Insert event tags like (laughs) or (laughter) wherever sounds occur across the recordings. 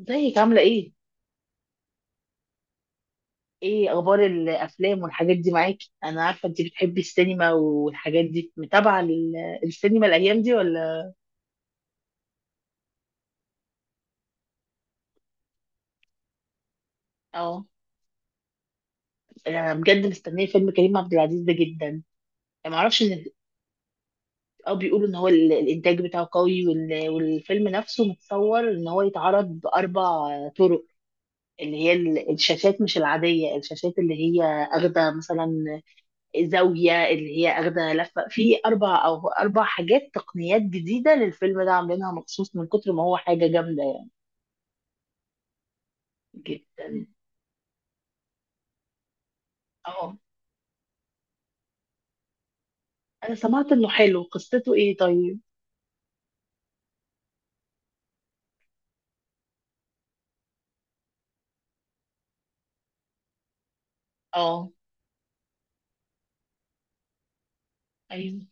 ازيك عاملة ايه؟ ايه اخبار الافلام والحاجات دي معاكي؟ انا عارفة انت بتحبي السينما والحاجات دي متابعة السينما الايام دي ولا؟ اه. انا بجد مستنية فيلم كريم عبد العزيز ده جدا. ما اعرفش ان اه، بيقولوا ان هو الانتاج بتاعه قوي والفيلم نفسه متصور ان هو يتعرض باربع طرق، اللي هي الشاشات مش العادية، الشاشات اللي هي اخدة مثلا، زاوية اللي هي أخدة لفة في أربع حاجات تقنيات جديدة للفيلم ده، عاملينها مخصوص من كتر ما هو حاجة جامدة يعني. جدا. اه، أنا سمعت إنه حلو. قصته إيه طيب؟ اه. أيوه.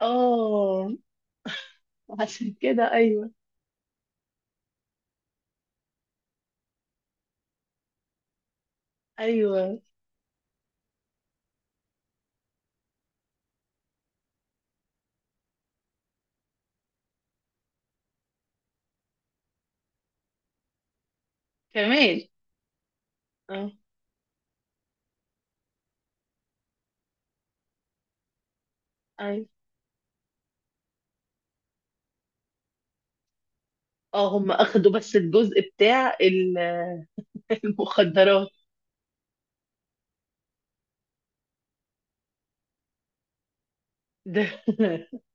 اه. عشان كده أيوه. أيوه. كمان اه. أيوه. اه. هم أخدوا بس الجزء بتاع (laughs) المخدرات ده. (laughs)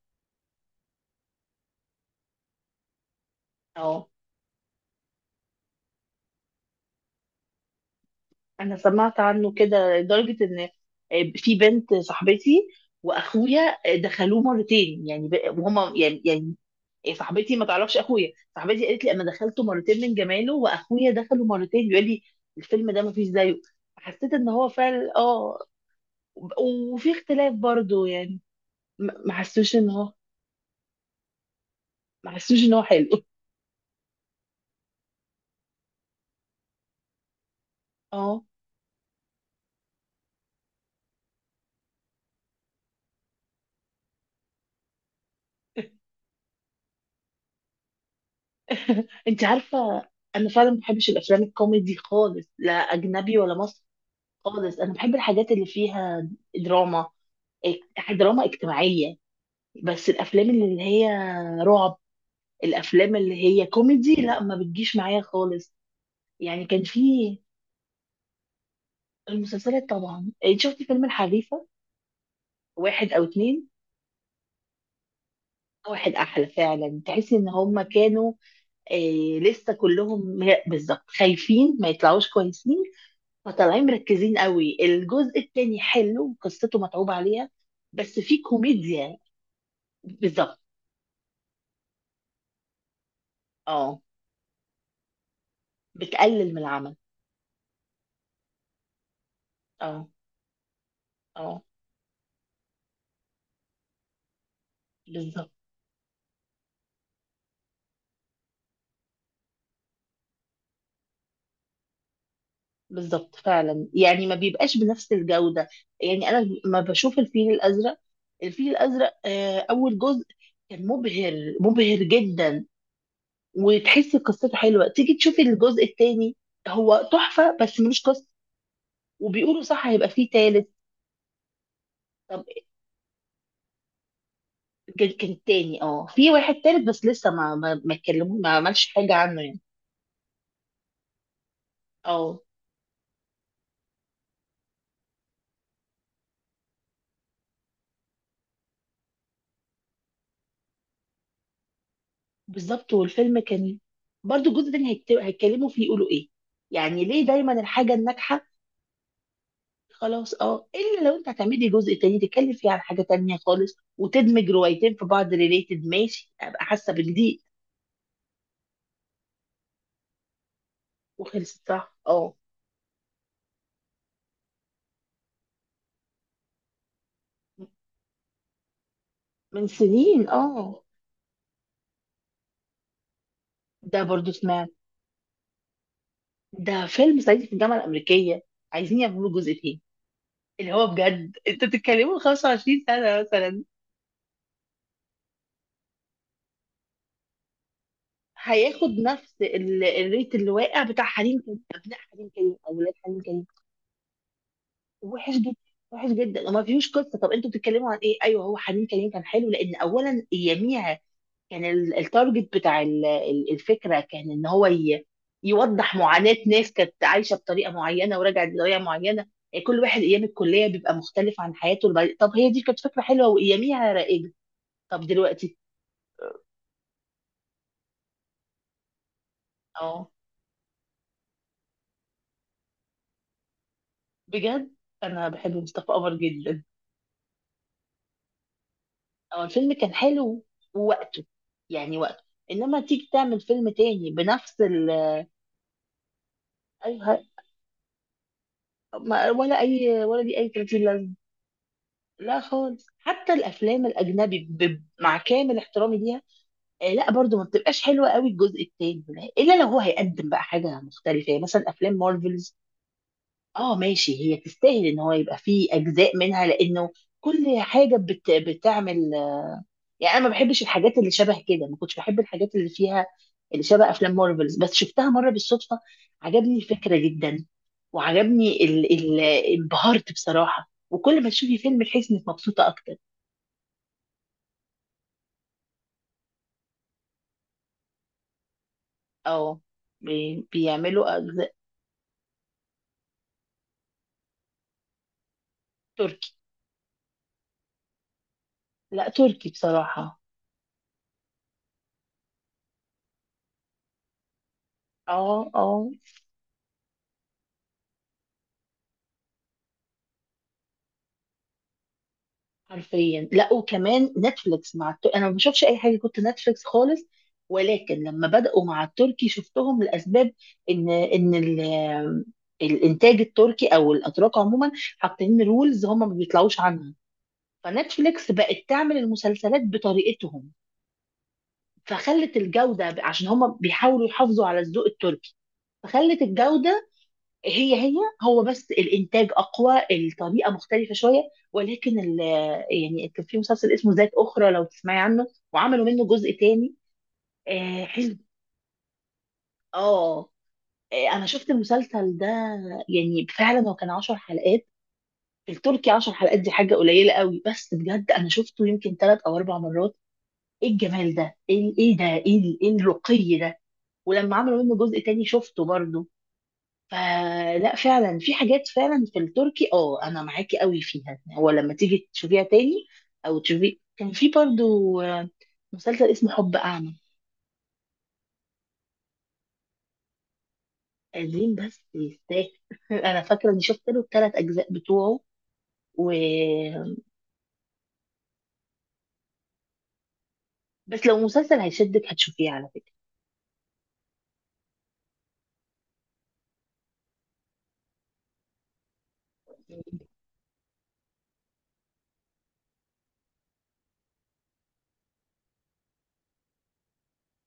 اه، انا سمعت عنه كده لدرجه ان في بنت صاحبتي واخويا دخلوه مرتين يعني وهما يعني صاحبتي ما تعرفش اخويا، صاحبتي قالت لي انا دخلته مرتين من جماله واخويا دخله مرتين بيقول لي الفيلم ده ما فيش زيه. حسيت ان هو فعلا اه، وفي اختلاف برضو يعني. ما حسوش ان هو، ما حسوش ان هو حلو. (laughs) اه. انت عارفه، انا فعلا ما بحبش الافلام الكوميدي خالص، لا اجنبي ولا مصري خالص. انا بحب الحاجات اللي فيها دراما، دراما اجتماعيه. بس الافلام اللي هي رعب، الافلام اللي هي كوميدي لا، ما بتجيش معايا خالص. يعني كان في المسلسلات طبعا. شفت فيلم الحريفه؟ واحد او اتنين؟ واحد احلى فعلا. تحس ان هم كانوا لسه كلهم، لا بالظبط، خايفين ما يطلعوش كويسين، فطالعين مركزين قوي. الجزء التاني حلو، قصته متعوب عليها، بس في كوميديا. بالظبط. اه، بتقلل من العمل. اه اه، بالظبط. بالظبط فعلا، يعني ما بيبقاش بنفس الجودة. يعني انا ما بشوف الفيل الازرق، الفيل الازرق اول جزء كان مبهر، مبهر جدا، وتحس قصته حلوة. تيجي تشوفي الجزء الثاني، هو تحفة بس ملوش قصة. وبيقولوا صح هيبقى فيه تالت؟ طب، كان التاني اه، في واحد تالت بس لسه ما اتكلموا، ما عملش حاجة عنه يعني. اه. بالظبط. والفيلم كان برضو الجزء التاني هيتكلموا فيه يقولوا ايه؟ يعني ليه دايما الحاجة الناجحة؟ خلاص اه، الا لو انت هتعملي جزء تاني تتكلم فيه عن حاجة تانية خالص، وتدمج روايتين في بعض ريليتد، ماشي ابقى حاسة بجديد. وخلصت صح اه. من سنين اه. ده برضو سمعت. ده فيلم صعيدي في الجامعة الأمريكية، عايزين يعملوا جزء تاني. اللي هو بجد انتوا بتتكلموا 25 سنة مثلا؟ هياخد نفس الريت اللي واقع بتاع حريم كريم، ابناء حريم كريم، اولاد حريم كريم. وحش جدا. وحش جدا وما فيهوش قصه. طب انتوا بتتكلموا عن ايه؟ ايوه، هو حريم كريم كان حلو لان اولا يميع، كان التارجت بتاع الفكره كان ان هو يوضح معاناه ناس كانت عايشه بطريقه معينه ورجعت بطريقه معينه. كل واحد ايام الكليه بيبقى مختلف عن حياته طب هي دي كانت فكره حلوه واياميها رائجه. طب دلوقتي؟ اه بجد، انا بحب مصطفى قمر جدا. هو الفيلم كان حلو ووقته، يعني وقته. انما تيجي تعمل فيلم تاني بنفس ال، أي ه- ما- ولا اي ولا دي اي 30 لازمه. لا خالص، حتى الافلام الاجنبي مع كامل احترامي ليها لا، برضو ما بتبقاش حلوه قوي الجزء التاني، لا، الا لو هو هيقدم بقى حاجه مختلفه. يعني مثلا افلام مارفلز، اه ماشي، هي تستاهل ان هو يبقى فيه اجزاء منها، لانه كل حاجه بتعمل، يعني انا ما بحبش الحاجات اللي شبه كده، ما كنتش بحب الحاجات اللي فيها اللي شبه افلام مارفلز، بس شفتها مره بالصدفه، عجبني الفكره جدا، وعجبني انبهرت بصراحه. وكل ما تشوفي فيلم تحسي انك مبسوطه اكتر. اه، بيعملوا أجزاء. تركي؟ لا تركي بصراحه اه اه، حرفيا. لا، وكمان نتفليكس مع انا ما بشوفش اي حاجه كنت نتفليكس خالص، ولكن لما بدأوا مع التركي شفتهم لاسباب. ان الانتاج التركي او الاتراك عموما حاطين رولز هم ما بيطلعوش عنها، فنتفليكس بقت تعمل المسلسلات بطريقتهم، فخلت الجوده، عشان هم بيحاولوا يحافظوا على الذوق التركي، فخلت الجوده هي هي، هو بس الانتاج اقوى، الطريقه مختلفه شويه. ولكن يعني كان في مسلسل اسمه ذات اخرى، لو تسمعي عنه، وعملوا منه جزء تاني. آه حلو. اه. انا شفت المسلسل ده، يعني فعلا هو كان 10 حلقات. التركي 10 حلقات دي حاجه قليله قوي، بس بجد انا شفته يمكن ثلاث او اربع مرات. ايه الجمال ده، ايه، إيه ده، ايه إيه الرقي ده. ولما عملوا منه جزء تاني شفته برضه، فلا فعلا في حاجات فعلا في التركي. اه، انا معاكي قوي فيها. هو لما تيجي تشوفيها تاني او تشوفي، كان في برضو مسلسل اسمه حب اعمى، قديم بس يستاهل. (laughs) انا فاكره اني شفت له الثلاث اجزاء بتوعه و، بس لو مسلسل هيشدك هتشوفيه على فكره.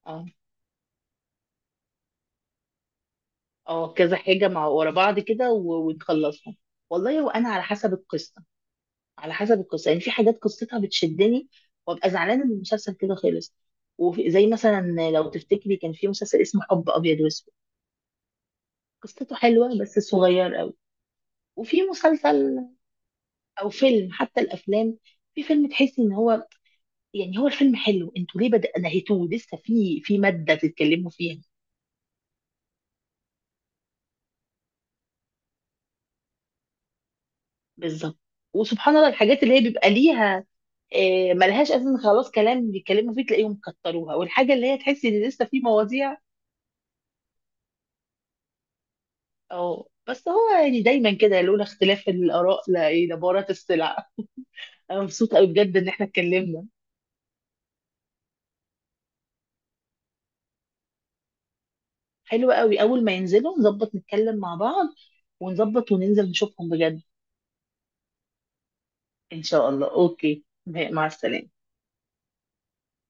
اه اه، كذا حاجه مع ورا بعض كده ونخلصهم. والله، وانا على حسب القصه، على حسب القصه، يعني في حاجات قصتها بتشدني وابقى زعلانه ان المسلسل كده خلص. وفي زي مثلا، لو تفتكري كان في مسلسل اسمه حب ابيض واسود، قصته حلوه بس صغير قوي. وفي مسلسل او فيلم، حتى الافلام، في فيلم تحسي ان هو يعني، هو الفيلم حلو، انتوا ليه بدأ نهيتوه؟ لسه في ماده تتكلموا فيها. بالظبط. وسبحان الله الحاجات اللي هي بيبقى ليها ملهاش اساس خلاص كلام بيتكلموا فيه تلاقيهم كتروها، والحاجه اللي هي تحسي ان لسه في مواضيع، اه. بس هو يعني دايما كده، لولا اختلاف الآراء لا ايه لبارت السلع. انا مبسوطة قوي بجد ان احنا اتكلمنا. حلو قوي، اول ما ينزلوا نظبط نتكلم مع بعض ونظبط وننزل نشوفهم بجد. ان شاء الله، اوكي، مع السلامة.